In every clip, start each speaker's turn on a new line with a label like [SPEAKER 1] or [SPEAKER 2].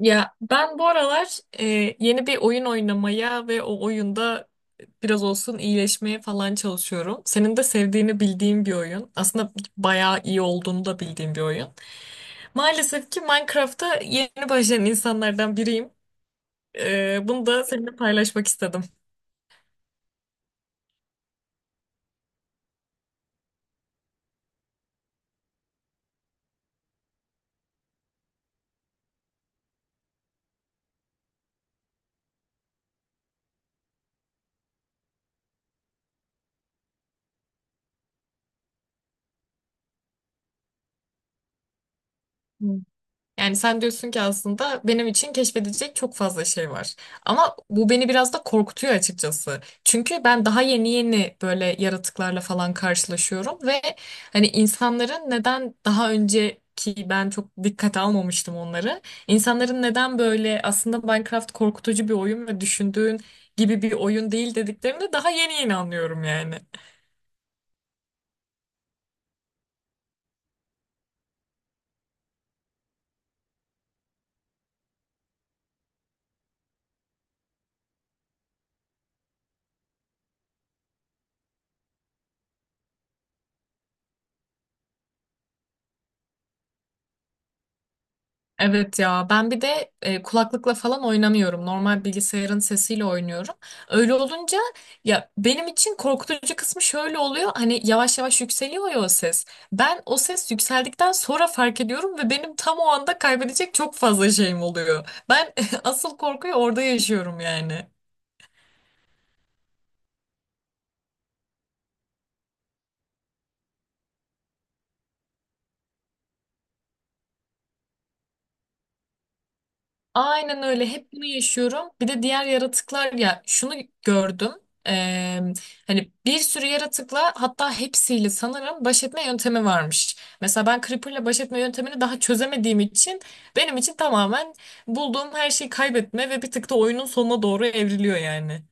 [SPEAKER 1] Ya ben bu aralar yeni bir oyun oynamaya ve o oyunda biraz olsun iyileşmeye falan çalışıyorum. Senin de sevdiğini bildiğim bir oyun. Aslında bayağı iyi olduğunu da bildiğim bir oyun. Maalesef ki Minecraft'ta yeni başlayan insanlardan biriyim. Bunu da seninle paylaşmak istedim. Yani sen diyorsun ki aslında benim için keşfedecek çok fazla şey var. Ama bu beni biraz da korkutuyor açıkçası. Çünkü ben daha yeni yeni böyle yaratıklarla falan karşılaşıyorum ve hani insanların neden daha önce ki ben çok dikkate almamıştım onları. İnsanların neden böyle aslında Minecraft korkutucu bir oyun ve düşündüğün gibi bir oyun değil dediklerini daha yeni yeni anlıyorum yani. Evet ya ben bir de kulaklıkla falan oynamıyorum. Normal bilgisayarın sesiyle oynuyorum. Öyle olunca ya benim için korkutucu kısmı şöyle oluyor. Hani yavaş yavaş yükseliyor ya o ses. Ben o ses yükseldikten sonra fark ediyorum ve benim tam o anda kaybedecek çok fazla şeyim oluyor. Ben asıl korkuyu orada yaşıyorum yani. Aynen öyle. Hep bunu yaşıyorum. Bir de diğer yaratıklar ya şunu gördüm. Ee, Hani bir sürü yaratıkla hatta hepsiyle sanırım baş etme yöntemi varmış. Mesela ben Creeper'la baş etme yöntemini daha çözemediğim için benim için tamamen bulduğum her şeyi kaybetme ve bir tık da oyunun sonuna doğru evriliyor yani.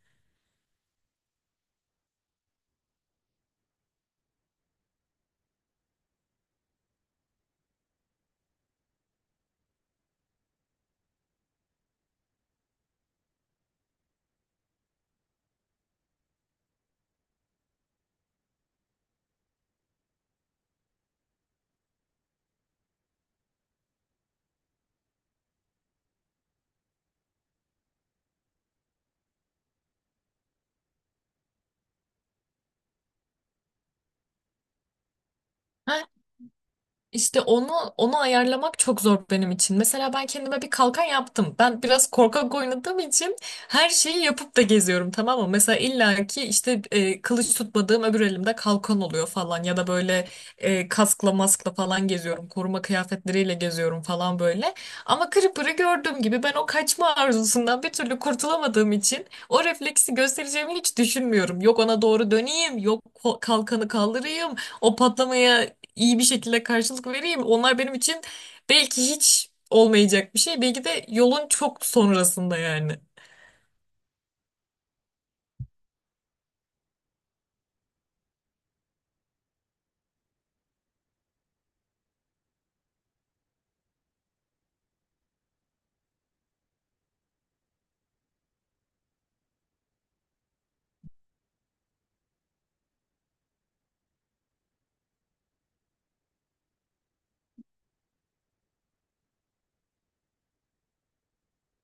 [SPEAKER 1] İşte onu ayarlamak çok zor benim için. Mesela ben kendime bir kalkan yaptım. Ben biraz korkak oynadığım için her şeyi yapıp da geziyorum, tamam mı? Mesela illaki işte kılıç tutmadığım öbür elimde kalkan oluyor falan ya da böyle kaskla maskla falan geziyorum. Koruma kıyafetleriyle geziyorum falan böyle. Ama Creeper'ı gördüğüm gibi ben o kaçma arzusundan bir türlü kurtulamadığım için o refleksi göstereceğimi hiç düşünmüyorum. Yok ona doğru döneyim, yok kalkanı kaldırayım. O patlamaya iyi bir şekilde karşılık vereyim. Onlar benim için belki hiç olmayacak bir şey. Belki de yolun çok sonrasında yani.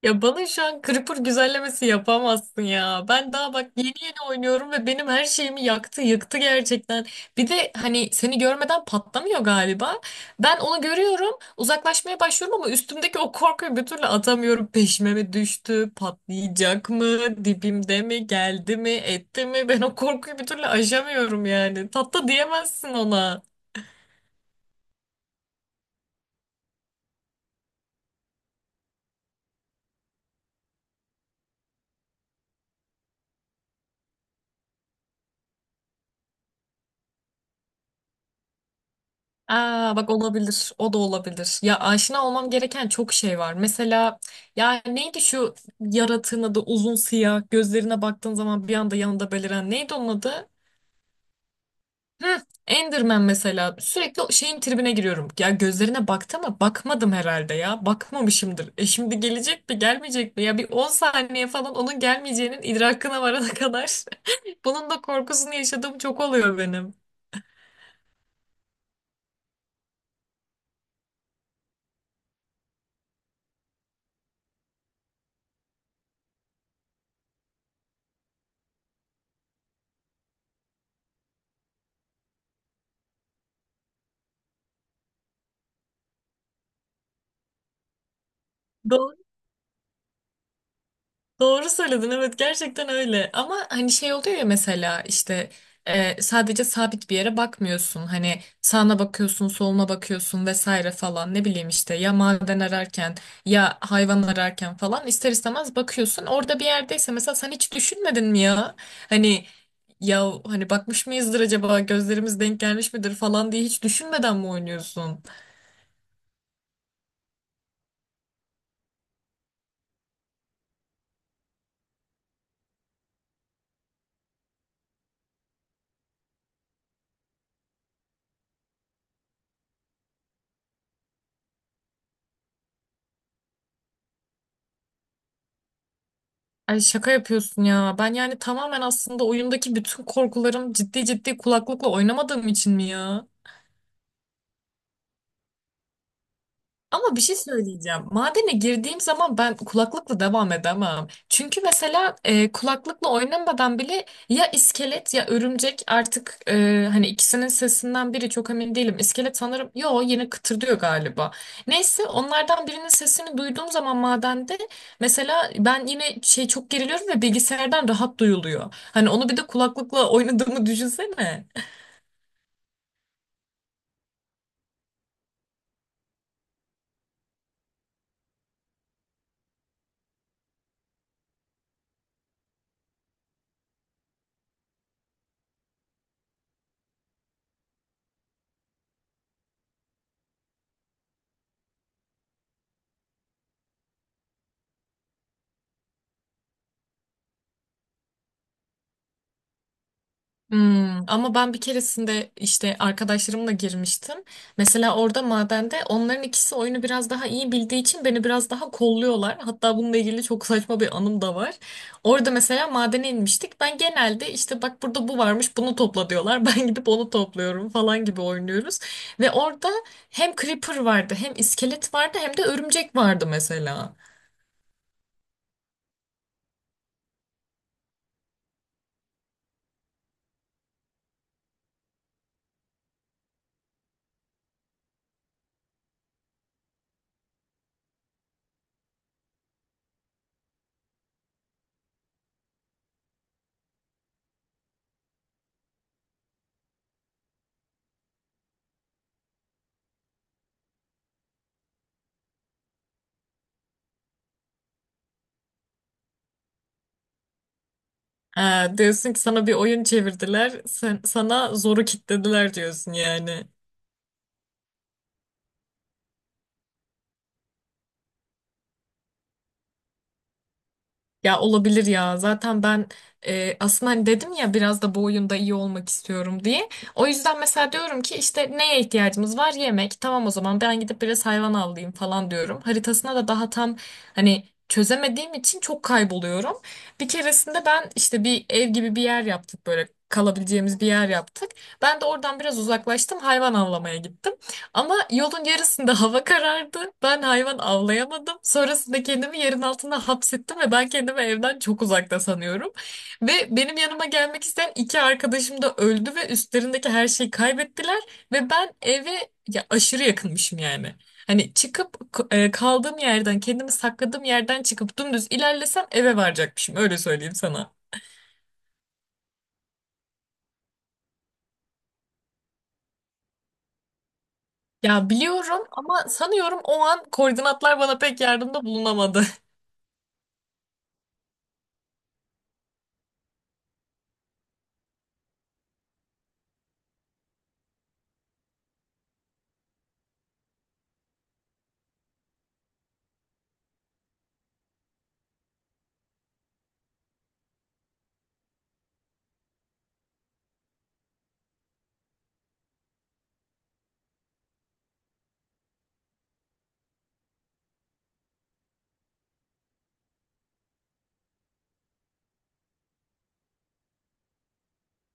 [SPEAKER 1] Ya bana şu an Creeper güzellemesi yapamazsın ya. Ben daha bak yeni yeni oynuyorum ve benim her şeyimi yaktı, yıktı gerçekten. Bir de hani seni görmeden patlamıyor galiba. Ben onu görüyorum, uzaklaşmaya başlıyorum ama üstümdeki o korkuyu bir türlü atamıyorum. Peşime mi düştü, patlayacak mı, dibimde mi, geldi mi, etti mi? Ben o korkuyu bir türlü aşamıyorum yani. Tatlı diyemezsin ona. Aa, bak olabilir. O da olabilir. Ya aşina olmam gereken çok şey var. Mesela ya neydi şu yaratığın adı, uzun siyah gözlerine baktığın zaman bir anda yanında beliren, neydi onun adı? Hı, Enderman mesela. Sürekli o şeyin tribine giriyorum. Ya gözlerine baktı ama bakmadım herhalde ya. Bakmamışımdır. E şimdi gelecek mi gelmeyecek mi? Ya bir 10 saniye falan onun gelmeyeceğinin idrakına varana kadar. Bunun da korkusunu yaşadığım çok oluyor benim. Doğru söyledin, evet, gerçekten öyle ama hani şey oluyor ya mesela işte sadece sabit bir yere bakmıyorsun, hani sağına bakıyorsun soluna bakıyorsun vesaire falan, ne bileyim işte ya maden ararken ya hayvan ararken falan ister istemez bakıyorsun, orada bir yerdeyse mesela sen hiç düşünmedin mi ya hani ya hani bakmış mıyızdır acaba, gözlerimiz denk gelmiş midir falan diye hiç düşünmeden mi oynuyorsun? Ay şaka yapıyorsun ya. Ben yani tamamen aslında oyundaki bütün korkularım ciddi ciddi kulaklıkla oynamadığım için mi ya? Ama bir şey söyleyeceğim. Madene girdiğim zaman ben kulaklıkla devam edemem. Çünkü mesela kulaklıkla oynamadan bile ya iskelet ya örümcek artık hani ikisinin sesinden biri çok emin değilim. İskelet sanırım yo yine kıtırdıyor galiba. Neyse onlardan birinin sesini duyduğum zaman madende mesela ben yine şey çok geriliyorum ve bilgisayardan rahat duyuluyor. Hani onu bir de kulaklıkla oynadığımı düşünsene. Hmm, ama ben bir keresinde işte arkadaşlarımla girmiştim. Mesela orada madende onların ikisi oyunu biraz daha iyi bildiği için beni biraz daha kolluyorlar. Hatta bununla ilgili çok saçma bir anım da var. Orada mesela madene inmiştik. Ben genelde işte bak burada bu varmış bunu topla diyorlar. Ben gidip onu topluyorum falan gibi oynuyoruz. Ve orada hem creeper vardı hem iskelet vardı hem de örümcek vardı mesela. Diyorsun ki sana bir oyun çevirdiler. Sana zoru kilitlediler diyorsun yani. Ya olabilir ya. Zaten ben aslında hani dedim ya biraz da bu oyunda iyi olmak istiyorum diye. O yüzden mesela diyorum ki işte neye ihtiyacımız var? Yemek. Tamam, o zaman ben gidip biraz hayvan avlayayım falan diyorum. Haritasına da daha tam hani çözemediğim için çok kayboluyorum. Bir keresinde ben işte bir ev gibi bir yer yaptık, böyle kalabileceğimiz bir yer yaptık. Ben de oradan biraz uzaklaştım, hayvan avlamaya gittim. Ama yolun yarısında hava karardı. Ben hayvan avlayamadım. Sonrasında kendimi yerin altına hapsettim ve ben kendimi evden çok uzakta sanıyorum. Ve benim yanıma gelmek isteyen iki arkadaşım da öldü ve üstlerindeki her şeyi kaybettiler. Ve ben eve ya aşırı yakınmışım yani. Hani çıkıp kaldığım yerden, kendimi sakladığım yerden çıkıp dümdüz ilerlesem eve varacakmışım. Öyle söyleyeyim sana. Ya biliyorum ama sanıyorum o an koordinatlar bana pek yardımda bulunamadı.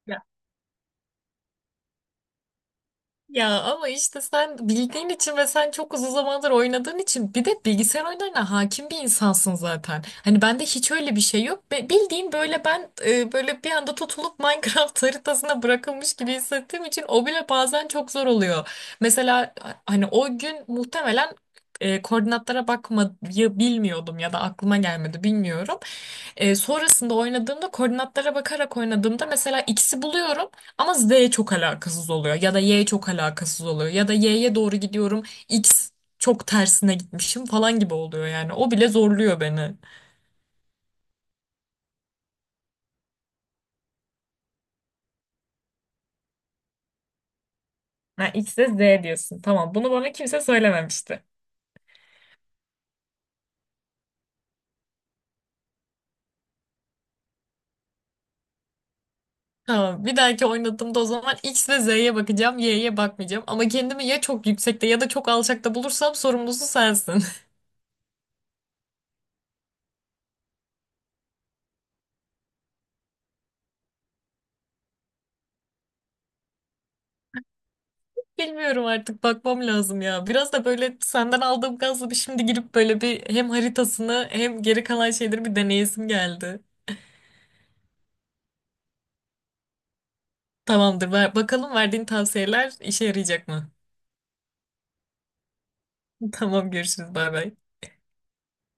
[SPEAKER 1] Ya ama işte sen bildiğin için ve sen çok uzun zamandır oynadığın için bir de bilgisayar oyunlarına hakim bir insansın zaten. Hani bende hiç öyle bir şey yok. Bildiğin böyle ben böyle bir anda tutulup Minecraft haritasına bırakılmış gibi hissettiğim için o bile bazen çok zor oluyor. Mesela hani o gün muhtemelen koordinatlara bakmayı bilmiyordum ya da aklıma gelmedi bilmiyorum. Sonrasında oynadığımda, koordinatlara bakarak oynadığımda mesela X'i buluyorum. Ama Z çok alakasız oluyor ya da Y çok alakasız oluyor ya da Y'ye doğru gidiyorum X çok tersine gitmişim falan gibi oluyor yani. O bile zorluyor beni. Ha, X'e Z diyorsun. Tamam, bunu bana kimse söylememişti. Tamam, bir dahaki oynadığımda o zaman X ve Z'ye bakacağım, Y'ye bakmayacağım. Ama kendimi ya çok yüksekte ya da çok alçakta bulursam sorumlusu sensin. Bilmiyorum artık bakmam lazım ya. Biraz da böyle senden aldığım gazla bir şimdi girip böyle bir hem haritasını hem geri kalan şeyleri bir deneyesim geldi. Tamamdır. Ver, bakalım verdiğin tavsiyeler işe yarayacak mı? Tamam, görüşürüz. Bay bay.